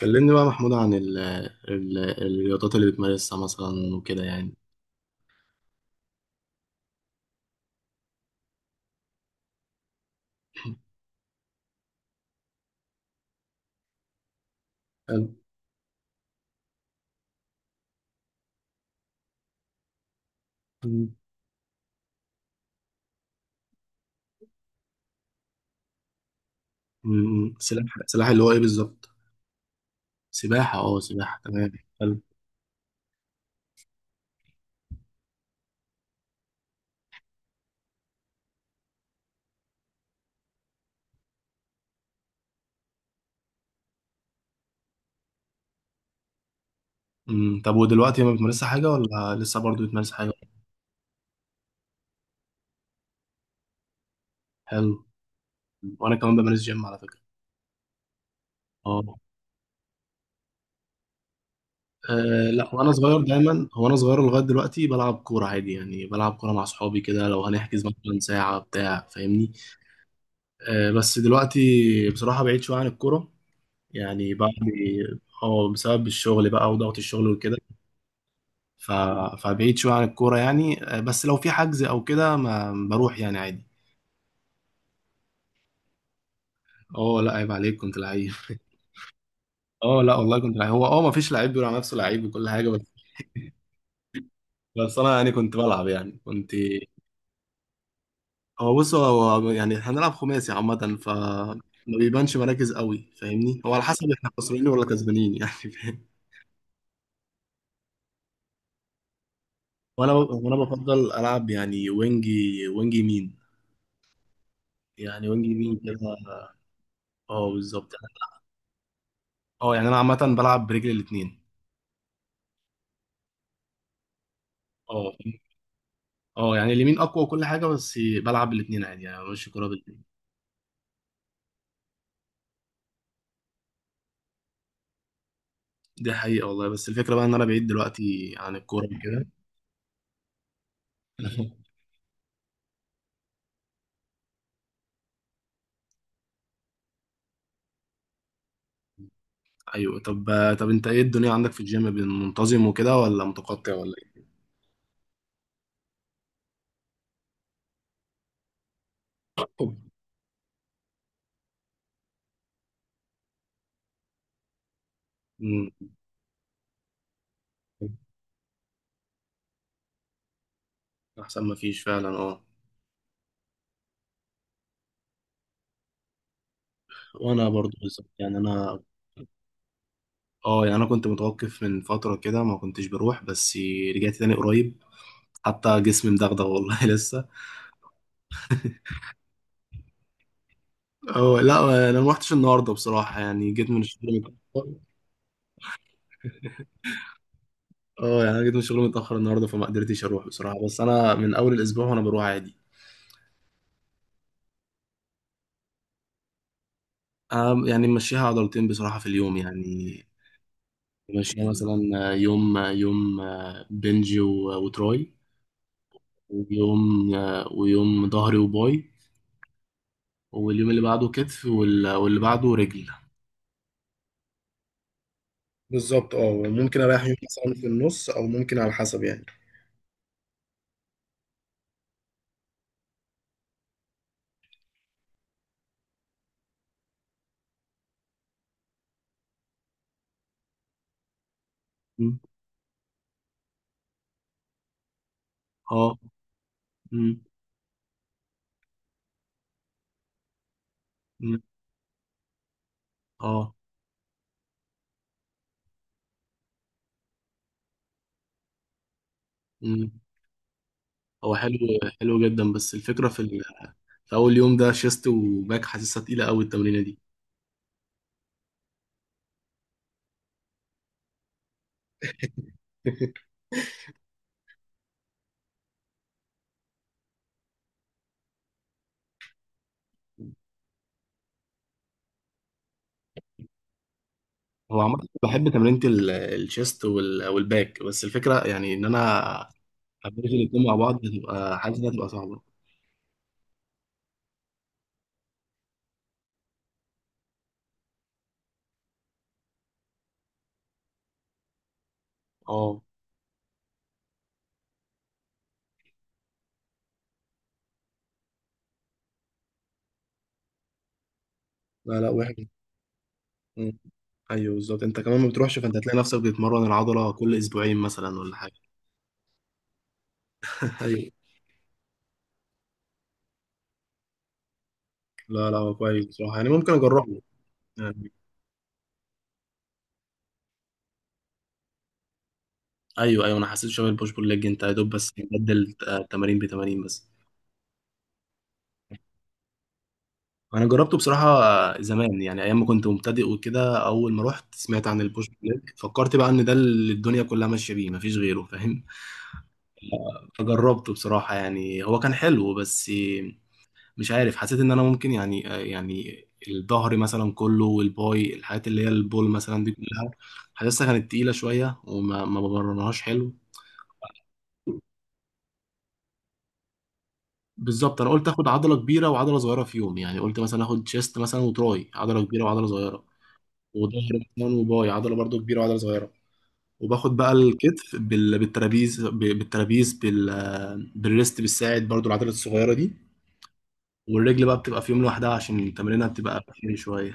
كلمني بقى محمود عن ال الرياضات اللي بتمارسها مثلا وكده يعني. حلو. أمم، سلاح اللي هو ايه بالظبط؟ سباحة، اه سباحة، تمام. حلو. طب ودلوقتي ما بتمارسش حاجة ولا لسه برضو بتمارس حاجة؟ حلو. وانا كمان بمارس جيم على فكرة. اه. لا، وانا صغير دايما، هو انا صغير لغاية دلوقتي بلعب كورة عادي، يعني بلعب كورة مع صحابي كده لو هنحجز مثلا ساعة بتاع، فاهمني؟ بس دلوقتي بصراحة بعيد شوية عن الكورة يعني، بعد، اه بسبب الشغل بقى وضغط الشغل وكده. ف... فبعيد شوية عن الكورة يعني. بس لو في حجز أو كده ما بروح، يعني عادي. اه لا، عيب عليك، كنت لعيب اه لا والله كنت لعيب، هو اه ما فيش لعيب بيقول على نفسه لعيب وكل حاجة، بس. بس أنا يعني كنت بلعب يعني كنت، هو يعني هنلعب خماسي عامة، ف ما بيبانش مراكز قوي فاهمني، هو على حسب احنا خسرانين ولا كسبانين يعني فاهم؟ وانا بفضل العب يعني وينج، وينج يمين. يعني وينج يمين كده. اه بالظبط. اه يعني انا عامه بلعب برجلي الاثنين. اه. اه يعني اليمين اقوى وكل حاجه، بس بلعب بالاثنين عادي، يعني ماشي كوره بالاثنين. دي حقيقه والله، بس الفكره بقى ان انا بعيد دلوقتي عن الكوره كده ايوه. طب، طب انت ايه الدنيا عندك في الجيم، بين منتظم وكده ولا متقطع ولا ايه؟ مم. احسن ما فيش فعلا، اه. وانا برضو بالظبط، يعني انا، اه يعني انا كنت متوقف من فتره كده، ما كنتش بروح، بس رجعت تاني قريب. حتى جسمي مدغدغ والله لسه. اه لا، انا ما رحتش النهارده بصراحه، يعني جيت من الشغل متاخر. اه يعني انا جيت من الشغل متاخر النهارده فما قدرتش اروح بصراحه، بس انا من اول الاسبوع وانا بروح عادي. أنا يعني ممشيها عضلتين بصراحه في اليوم يعني. ممشيها مثلا يوم يوم، وتراي، ويوم ويوم ظهري وباي، واليوم اللي بعده كتف، واللي بعده رجل. بالظبط، اه ممكن اريح يوم مثلا في النص، او ممكن على حسب يعني. مم. اه. مم. مم. اه. مم. هو حلو. حلو جدا، بس الفكرة في في أول يوم ده شيست وباك حاسسها تقيلة أوي التمرينة دي هو عامة بحب تمرينة الشيست والباك، بس الفكرة يعني إن أنا أبدل الاتنين مع بعض هتبقى حاسس إنها تبقى صعبة. اه لا، لا وحش. مم. أيوه بالظبط، أنت كمان ما بتروحش فأنت هتلاقي نفسك بتتمرن العضلة كل أسبوعين مثلا ولا حاجة أيوه. لا لا، هو كويس بصراحة، يعني ممكن أجربه. يعني. أيوه أيوه، أنا حسيت شوية البوش بول ليج، أنت يا دوب بس بدل تمارين بتمارين بس. انا جربته بصراحه زمان، يعني ايام ما كنت مبتدئ وكده، اول ما رحت سمعت عن البوش بلاك فكرت بقى ان ده اللي الدنيا كلها ماشيه بيه مفيش غيره، فاهم؟ فجربته بصراحه، يعني هو كان حلو بس مش عارف، حسيت ان انا ممكن يعني الظهر مثلا كله والباي، الحاجات اللي هي البول مثلا دي كلها حاسسها كانت تقيله شويه وما ما بمرنهاش حلو. بالظبط، انا قلت اخد عضله كبيره وعضله صغيره في يوم، يعني قلت مثلا اخد شيست مثلا وتراي، عضله كبيره وعضله صغيره، وظهر مثلا وباي، عضله برضو كبيره وعضله صغيره، وباخد بقى الكتف بالترابيز، بالترابيز بالريست، بالساعد برضو العضله الصغيره دي، والرجل بقى بتبقى في يوم لوحدها عشان تمرينها بتبقى خفيف شويه.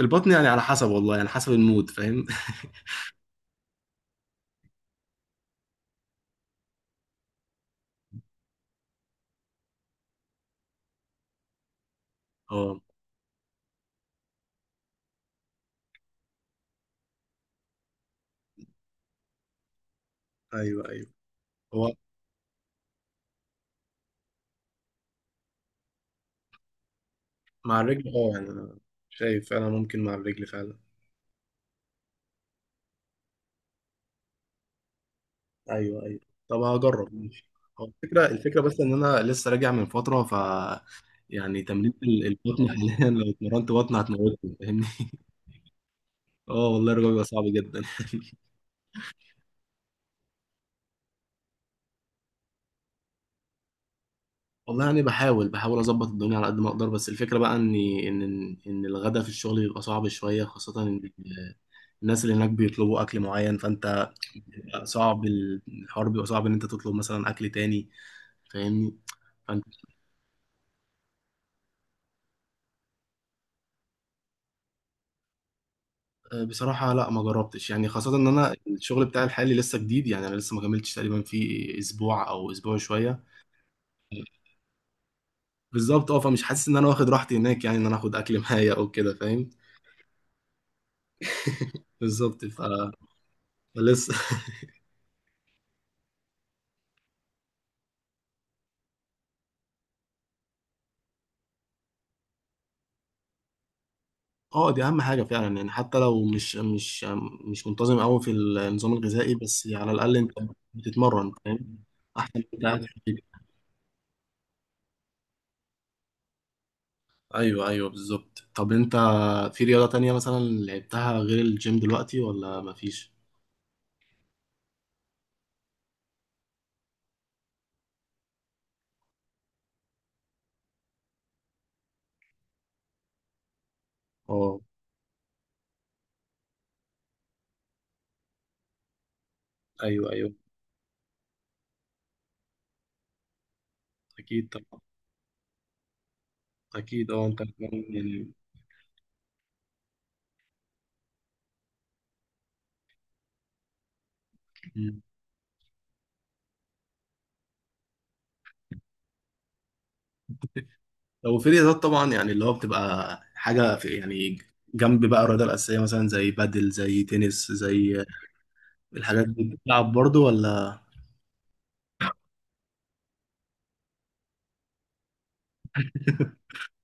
البطن يعني على حسب والله، يعني حسب المود فاهم اه ايوه ايوه، هو مع الرجل اه، يعني انا شايف فعلا ممكن مع الرجل فعلا. ايوه ايوه. طب هجرب، ماشي. هو الفكره، الفكره بس ان انا لسه راجع من فتره، ف يعني تمرين البطن حاليا لو اتمرنت بطن هتموتني فاهمني. اه والله الرجوع بيبقى صعب جدا والله يعني بحاول اظبط الدنيا على قد ما اقدر، بس الفكره بقى ان ان الغدا في الشغل بيبقى صعب شويه، خاصه ان الناس اللي هناك بيطلبوا اكل معين فانت، بيبقى صعب الحوار، بيبقى صعب ان انت تطلب مثلا اكل تاني فاهمني؟ فانت، بصراحه لا ما جربتش، يعني خاصه ان انا الشغل بتاعي الحالي لسه جديد، يعني انا لسه ما كملتش تقريبا في اسبوع او اسبوع شويه. بالظبط، اه فمش حاسس ان انا واخد راحتي هناك، يعني ان انا اخد اكل معايا او كده فاهم. بالظبط. ف لسه اه دي اهم حاجه فعلا، يعني حتى لو مش مش منتظم قوي في النظام الغذائي، بس على الاقل انت بتتمرن فاهم، احسن من انت قاعد في البيت. ايوه ايوه بالظبط. طب انت في رياضه تانية مثلا لعبتها غير الجيم دلوقتي ولا مفيش؟ اه ايوه ايوه. اكيد طبعا. اكيد اه، انت كمان يعني. مم. لو في رياضات طبعا، يعني اللي هو بتبقى حاجه في يعني جنب بقى الرياضه الاساسيه، مثلا زي بادل، زي تنس، زي الحاجات دي بتلعب برضو ولا؟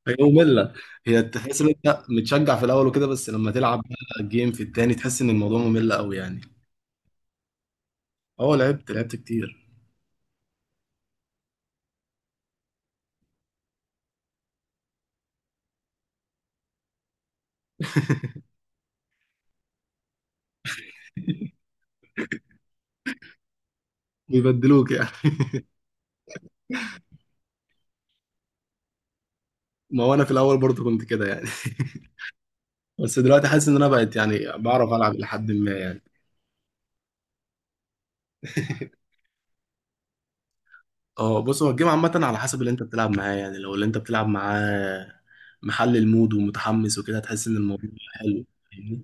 هي مملة، هي تحس ان انت متشجع في الاول وكده، بس لما تلعب بقى جيم في التاني تحس ان الموضوع ممل قوي يعني. اه. لعبت كتير. بيبدلوك يعني ما هو انا في الاول برضه كنت كده يعني بس دلوقتي حاسس ان انا بقيت يعني بعرف العب لحد ما يعني اه بص، هو الجيم عامة على حسب اللي انت بتلعب معاه، يعني لو اللي انت بتلعب معاه محل المود ومتحمس وكده هتحس ان الموضوع حلو فاهمني؟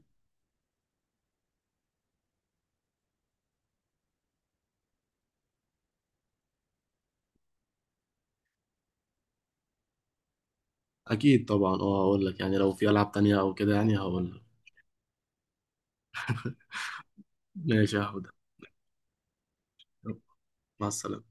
اكيد طبعا، اه هقول لك يعني، لو في العاب تانية او كده يعني هقول لك. ماشي يا حوده. يلا، مع السلامة.